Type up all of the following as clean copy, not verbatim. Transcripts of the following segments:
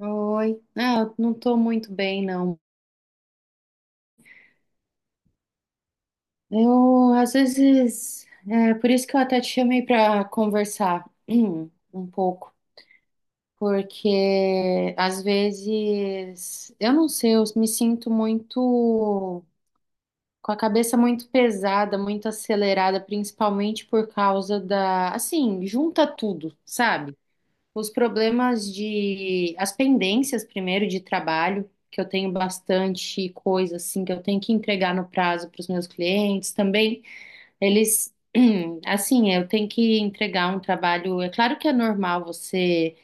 Oi. Não, eu não tô muito bem, não. É por isso que eu até te chamei para conversar um pouco, porque às vezes, eu não sei, eu me sinto muito, com a cabeça muito pesada, muito acelerada, principalmente por causa da, assim, junta tudo, sabe? Os problemas de, as pendências primeiro de trabalho, que eu tenho bastante coisa assim que eu tenho que entregar no prazo para os meus clientes também. Eles, assim, eu tenho que entregar um trabalho. É claro que é normal você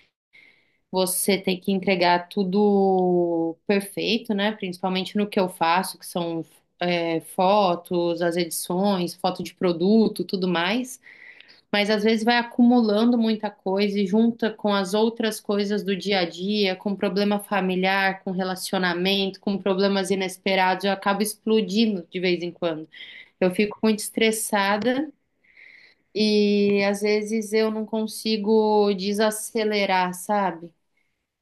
você ter que entregar tudo perfeito, né? Principalmente no que eu faço, que são fotos, as edições, foto de produto, tudo mais. Mas às vezes vai acumulando muita coisa e junta com as outras coisas do dia a dia, com problema familiar, com relacionamento, com problemas inesperados, eu acabo explodindo de vez em quando. Eu fico muito estressada e às vezes eu não consigo desacelerar, sabe?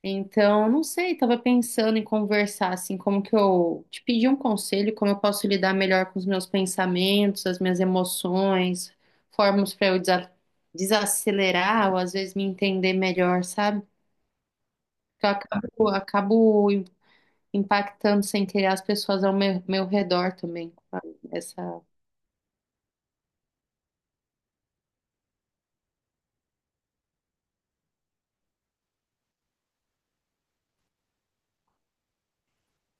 Então, não sei, tava pensando em conversar assim, como que eu te pedir um conselho, como eu posso lidar melhor com os meus pensamentos, as minhas emoções, formas para eu desacelerar ou às vezes me entender melhor, sabe? Que eu acabo impactando sem querer as pessoas ao meu redor também. Essa,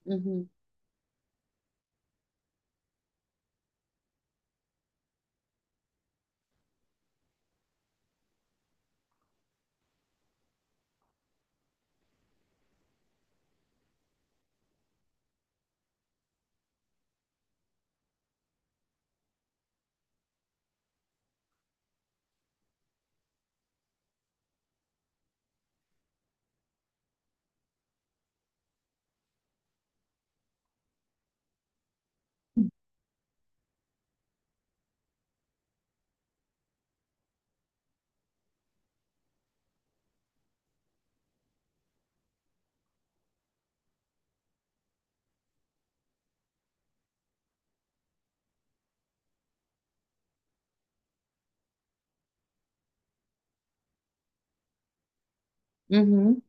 Uhum. Uhum.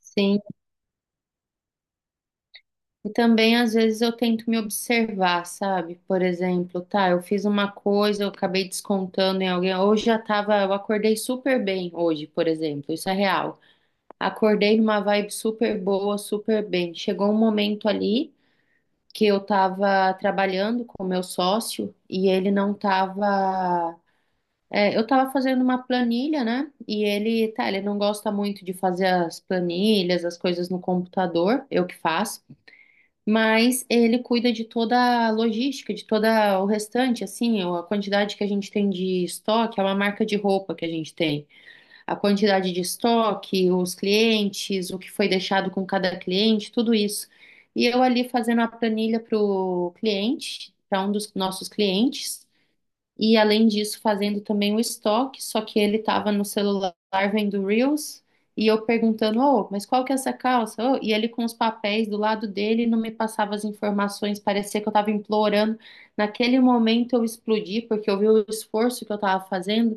Sim. E também, às vezes, eu tento me observar, sabe? Por exemplo, tá, eu fiz uma coisa, eu acabei descontando em alguém. Hoje já tava, eu acordei super bem hoje, por exemplo, isso é real. Acordei numa vibe super boa, super bem. Chegou um momento ali que eu tava trabalhando com o meu sócio e ele não tava. Eu tava fazendo uma planilha, né? E ele, tá, ele não gosta muito de fazer as planilhas, as coisas no computador, eu que faço, mas ele cuida de toda a logística, de toda o restante, assim, a quantidade que a gente tem de estoque, é uma marca de roupa que a gente tem. A quantidade de estoque, os clientes, o que foi deixado com cada cliente, tudo isso. E eu ali fazendo a planilha para o cliente, para um dos nossos clientes. E além disso, fazendo também o estoque, só que ele estava no celular vendo Reels e eu perguntando, oh, mas qual que é essa calça? Ô, e ele com os papéis do lado dele não me passava as informações, parecia que eu estava implorando. Naquele momento eu explodi porque eu vi o esforço que eu estava fazendo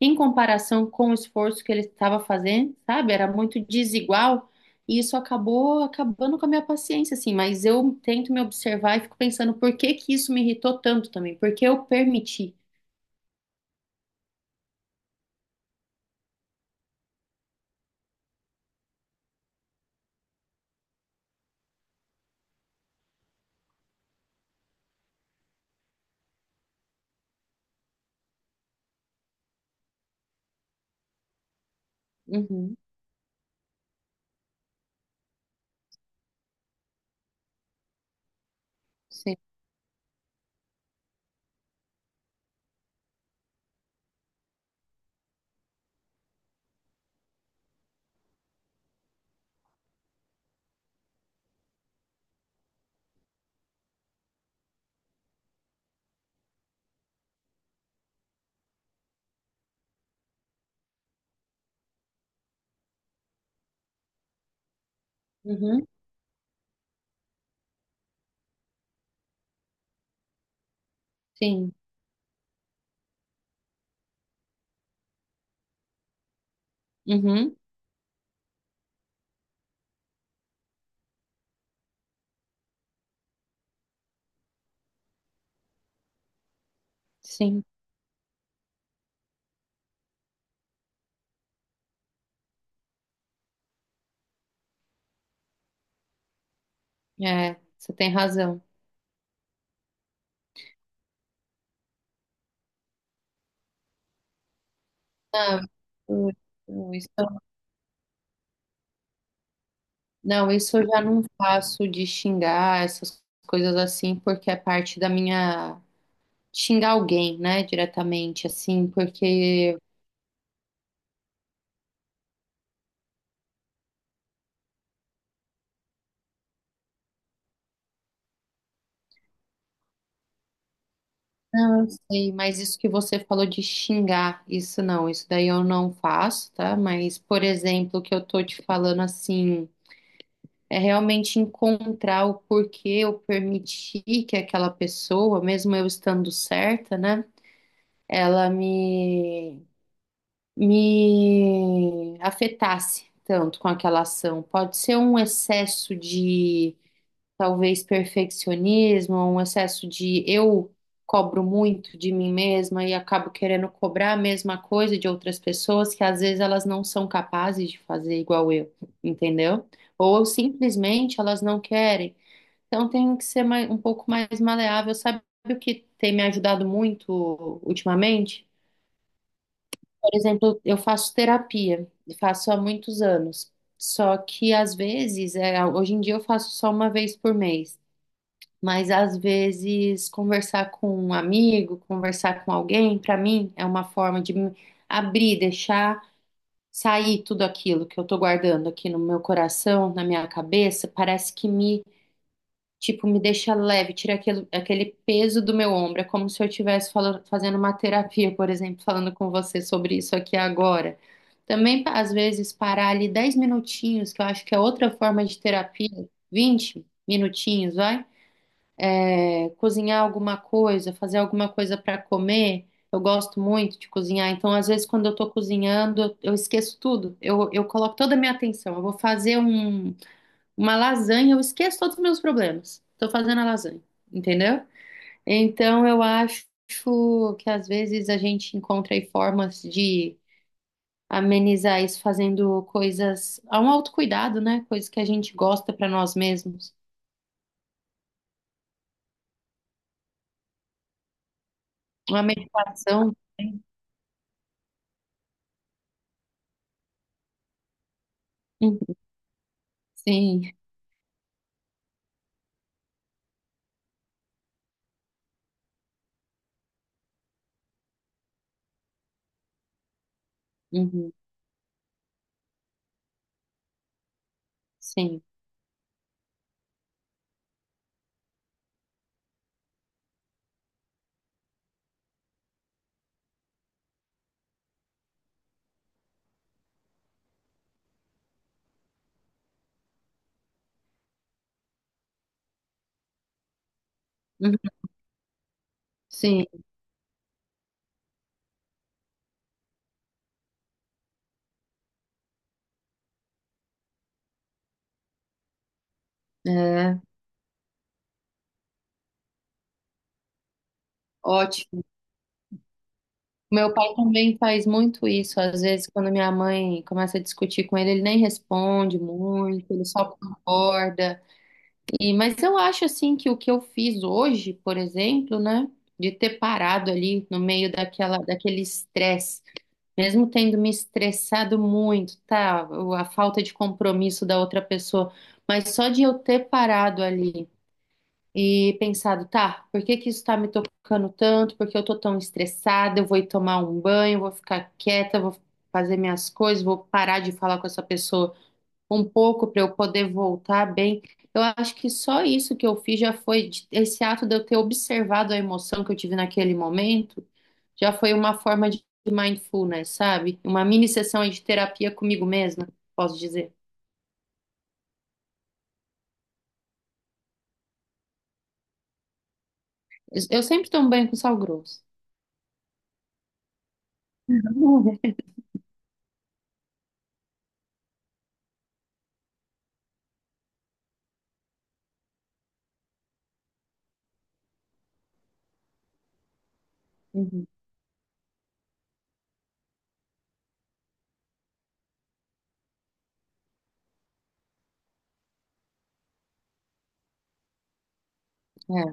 em comparação com o esforço que ele estava fazendo, sabe? Era muito desigual. E isso acabou acabando com a minha paciência, assim, mas eu tento me observar e fico pensando por que que isso me irritou tanto também, porque eu permiti. Uhum, sim. Uhum, sim. Uhum, sim. É, você tem razão. Não, eu- isso, não, isso eu já não faço de xingar essas coisas assim, porque é parte da minha. Xingar alguém, né, diretamente, assim, porque. Não, eu sei, mas isso que você falou de xingar, isso não, isso daí eu não faço, tá? Mas, por exemplo, que eu tô te falando assim. É realmente encontrar o porquê eu permiti que aquela pessoa, mesmo eu estando certa, né, ela me, me afetasse tanto com aquela ação. Pode ser um excesso de, talvez, perfeccionismo, um excesso de eu cobro muito de mim mesma e acabo querendo cobrar a mesma coisa de outras pessoas que às vezes elas não são capazes de fazer igual eu, entendeu? Ou simplesmente elas não querem. Então tenho que ser mais, um pouco mais maleável. Sabe o que tem me ajudado muito ultimamente? Por exemplo, eu faço terapia, e faço há muitos anos. Só que às vezes, é, hoje em dia eu faço só uma vez por mês, mas às vezes conversar com um amigo, conversar com alguém, para mim é uma forma de me abrir, deixar sair tudo aquilo que eu tô guardando aqui no meu coração, na minha cabeça, parece que me tipo, me deixa leve, tira aquele, aquele peso do meu ombro. É como se eu estivesse fazendo uma terapia, por exemplo, falando com você sobre isso aqui agora. Também, às vezes, parar ali 10 minutinhos, que eu acho que é outra forma de terapia, 20 minutinhos, vai? É, cozinhar alguma coisa, fazer alguma coisa para comer. Eu gosto muito de cozinhar, então, às vezes, quando eu tô cozinhando, eu esqueço tudo. Eu coloco toda a minha atenção. Eu vou fazer um. Uma lasanha, eu esqueço todos os meus problemas. Tô fazendo a lasanha, entendeu? Então eu acho que às vezes a gente encontra aí formas de amenizar isso fazendo coisas, há um autocuidado, né? Coisas que a gente gosta para nós mesmos. Uma meditação. Uhum, sim, uhum, sim, uhum, sim, é ótimo. Meu pai também faz muito isso. Às vezes, quando minha mãe começa a discutir com ele, ele nem responde muito, ele só concorda. E, mas eu acho assim que o que eu fiz hoje, por exemplo, né, de ter parado ali no meio daquela, daquele estresse, mesmo tendo me estressado muito, tá, a falta de compromisso da outra pessoa, mas só de eu ter parado ali e pensado, tá, por que que isso tá me tocando tanto? Por que eu tô tão estressada? Eu vou ir tomar um banho, vou ficar quieta, vou fazer minhas coisas, vou parar de falar com essa pessoa um pouco para eu poder voltar bem. Eu acho que só isso que eu fiz já foi esse ato de eu ter observado a emoção que eu tive naquele momento, já foi uma forma de mindfulness, sabe? Uma mini sessão aí de terapia comigo mesma, posso dizer. Eu sempre tomo banho com sal grosso. Uhum. É,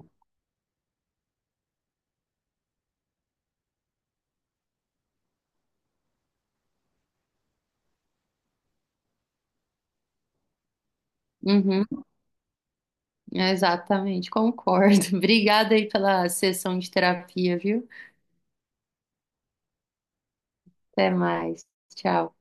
uhum. É, exatamente, concordo. Obrigada aí pela sessão de terapia, viu? Até mais. Tchau.